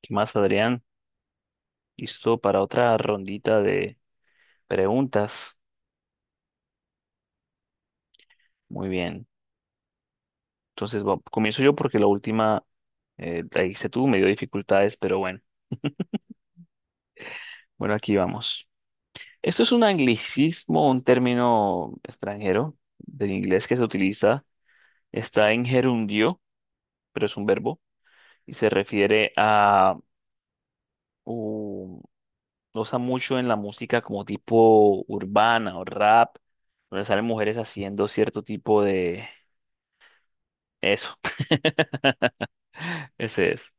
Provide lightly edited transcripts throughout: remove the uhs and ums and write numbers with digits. ¿Qué más, Adrián? Listo para otra rondita de preguntas. Muy bien. Entonces, comienzo yo porque la última la hice tú, me dio dificultades, pero bueno. Bueno, aquí vamos. Esto es un anglicismo, un término extranjero del inglés que se utiliza. Está en gerundio, pero es un verbo y se refiere a un- lo usa mucho en la música como tipo urbana o rap, donde salen mujeres haciendo cierto tipo de… Eso. Ese es.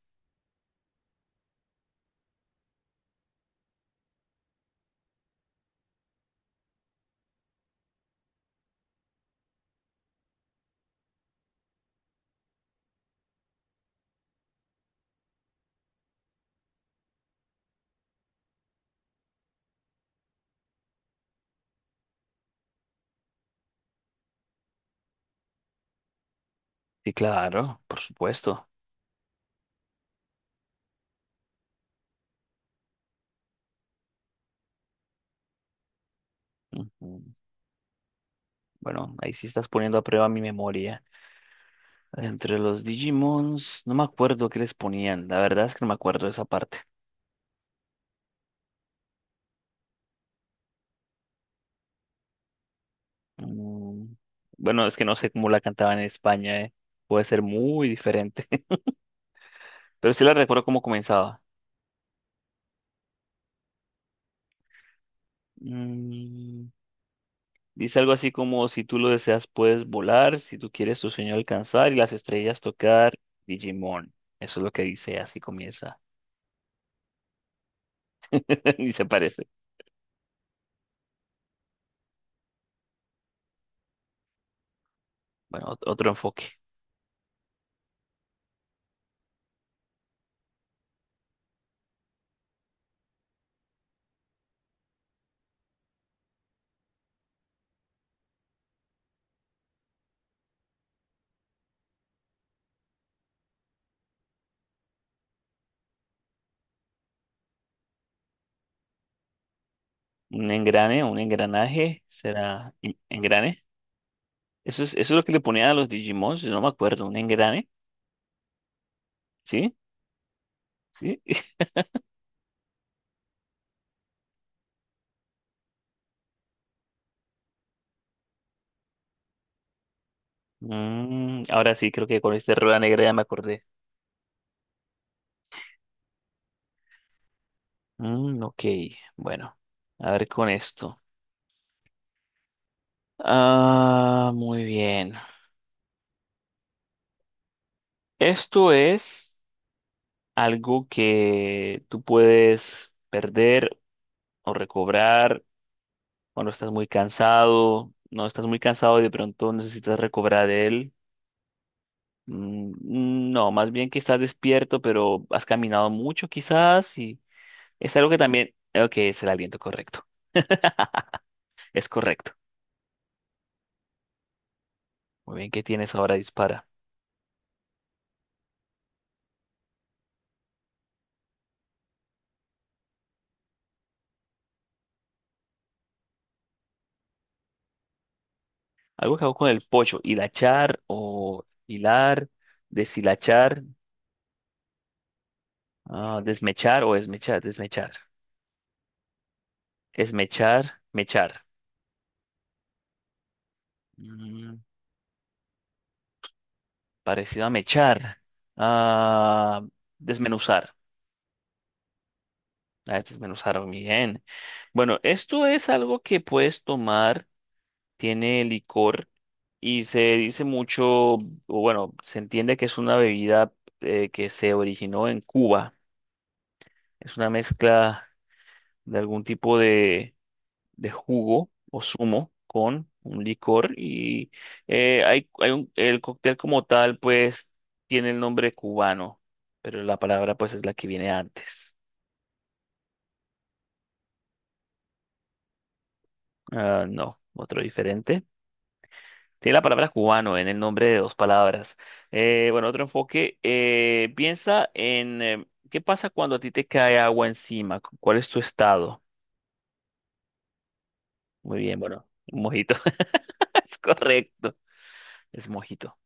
Sí, claro, por supuesto. Ujú. Bueno, ahí sí estás poniendo a prueba mi memoria. Entre los Digimons, no me acuerdo qué les ponían. La verdad es que no me acuerdo de esa parte. Mm, Bueno, es que no sé cómo la cantaban en España, ¿eh? Puede ser muy diferente. Pero sí la recuerdo cómo comenzaba. Mm, Dice algo así como, si tú lo deseas, puedes volar, si tú quieres tu sueño alcanzar y las estrellas tocar, Digimon. Eso es lo que dice, así comienza. Y se parece. Bueno, otro enfoque. Un engrane, un engranaje, será engrane. Eso es lo que le ponían a los Digimon, si no me acuerdo, un engrane, ¿sí? ¿Sí? Mm, ahora sí, creo que con este rueda negra ya me acordé. Mm, ok, bueno, a ver con esto. Ah, muy bien. Esto es algo que tú puedes perder o recobrar cuando estás muy cansado, no estás muy cansado y de pronto necesitas recobrar de él. No, más bien que estás despierto, pero has caminado mucho quizás y es algo que también, ok, es el aliento correcto, es correcto. Muy bien, ¿qué tienes ahora? Dispara. Algo que hago con el pocho, hilachar o hilar, deshilachar, ah, desmechar o esmechar, desmechar, esmechar, mechar. Mm, Parecido a mechar, a desmenuzar, a desmenuzar bien. Bueno, esto es algo que puedes tomar, tiene licor y se dice mucho, o bueno, se entiende que es una bebida que se originó en Cuba. Es una mezcla de algún tipo de jugo o zumo con un licor y hay el cóctel como tal pues tiene el nombre cubano, pero la palabra pues es la que viene antes. Ah, no, otro diferente. Tiene la palabra cubano en el nombre de dos palabras. Bueno, otro enfoque. Piensa en qué pasa cuando a ti te cae agua encima. ¿Cuál es tu estado? Muy bien, bueno, un mojito. Es correcto. Es mojito.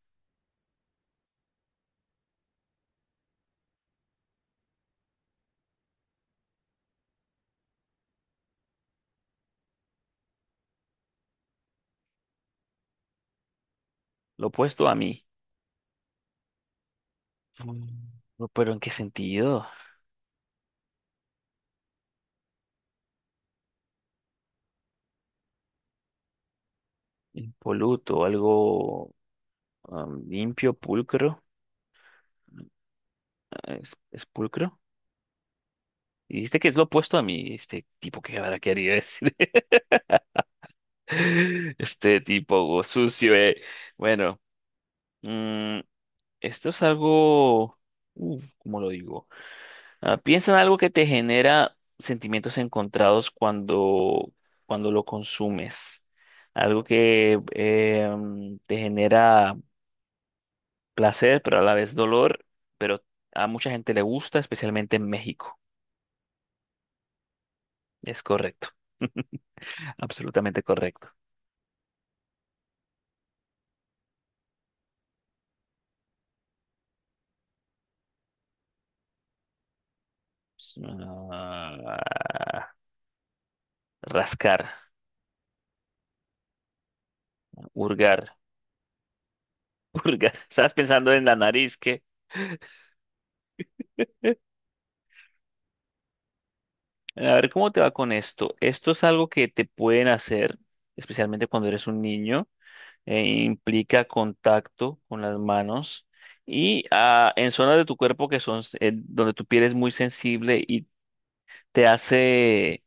Lo opuesto a mí. Mm, no, pero ¿en qué sentido? Impoluto, algo am, limpio, pulcro. Ah, ¿es, es pulcro? Dijiste que es lo opuesto a mí, este tipo que ahora quería decir. Este tipo o sucio, eh. Bueno, mm, esto es algo, ¿cómo lo digo? Ah, piensa en algo que te genera sentimientos encontrados cuando, cuando lo consumes. Algo que te genera placer, pero a la vez dolor, pero a mucha gente le gusta, especialmente en México. Es correcto, absolutamente correcto. S- ah, rascar, hurgar, hurgar. Estabas pensando en la nariz, que… A ver, ¿cómo te va con esto? Esto es algo que te pueden hacer, especialmente cuando eres un niño, e implica contacto con las manos y en zonas de tu cuerpo que son, donde tu piel es muy sensible y te hace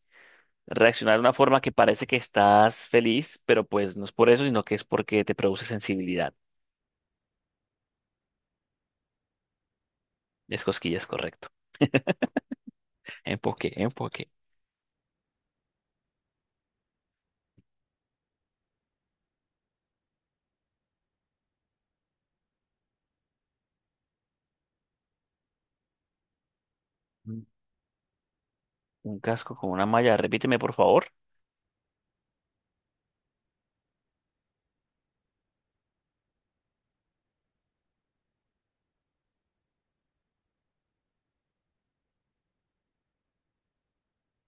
reaccionar de una forma que parece que estás feliz, pero pues no es por eso, sino que es porque te produce sensibilidad. Es cosquillas, correcto. Enfoque, enfoque. Un un casco con una malla. Repíteme, por favor.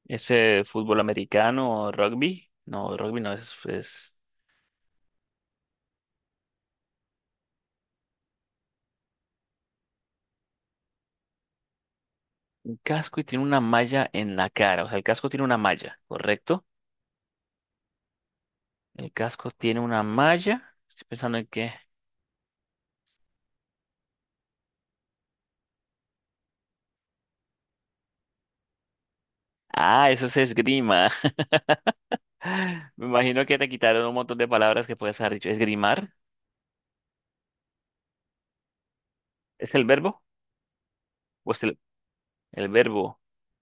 ¿Es fútbol americano o rugby? No, rugby no es, es un casco y tiene una malla en la cara. O sea, el casco tiene una malla, ¿correcto? El casco tiene una malla. Estoy pensando en qué. Ah, eso es esgrima. Me imagino que te quitaron un montón de palabras que puedes haber dicho. ¿Esgrimar? ¿Es el verbo? Pues el verbo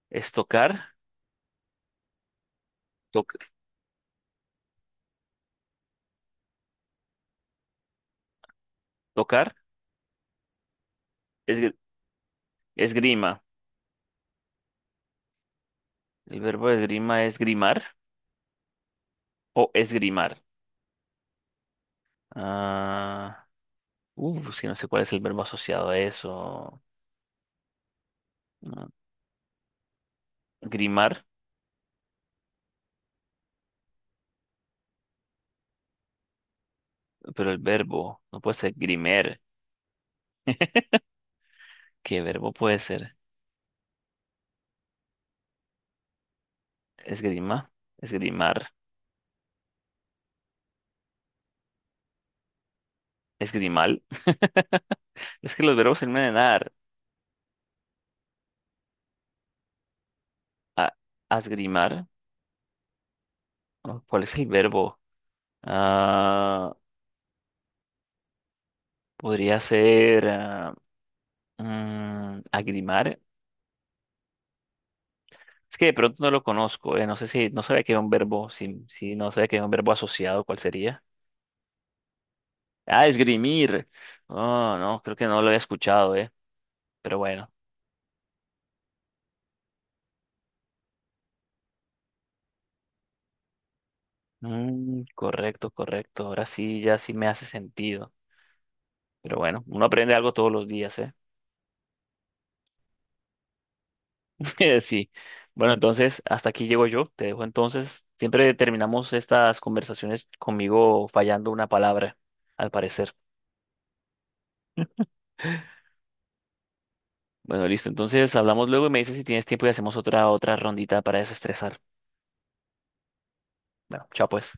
es tocar, toc- tocar, es, esgrima. El verbo esgrima es grimar o esgrimar. Ah, si no sé cuál es el verbo asociado a eso. Ah, grimar, pero el verbo no puede ser grimer. ¿Qué verbo puede ser? Esgrima, esgrimar, esgrimal. Es que los verbos terminan en ar. A, asgrimar. Oh, ¿cuál es el verbo? Ah, podría ser. Agrimar. Es que de pronto no lo conozco. No sé si, no sabía que era un verbo, si, si no sabía que era un verbo asociado, ¿cuál sería? Ah, esgrimir. Oh, no, creo que no lo había escuchado, eh. Pero bueno. Mm, correcto, correcto. Ahora sí, ya sí me hace sentido. Pero bueno, uno aprende algo todos los días, eh. Sí. Bueno, entonces, hasta aquí llego yo. Te dejo entonces. Siempre terminamos estas conversaciones conmigo fallando una palabra, al parecer. Bueno, listo. Entonces hablamos luego y me dices si tienes tiempo y hacemos otra, otra rondita para desestresar. Bueno, chao pues.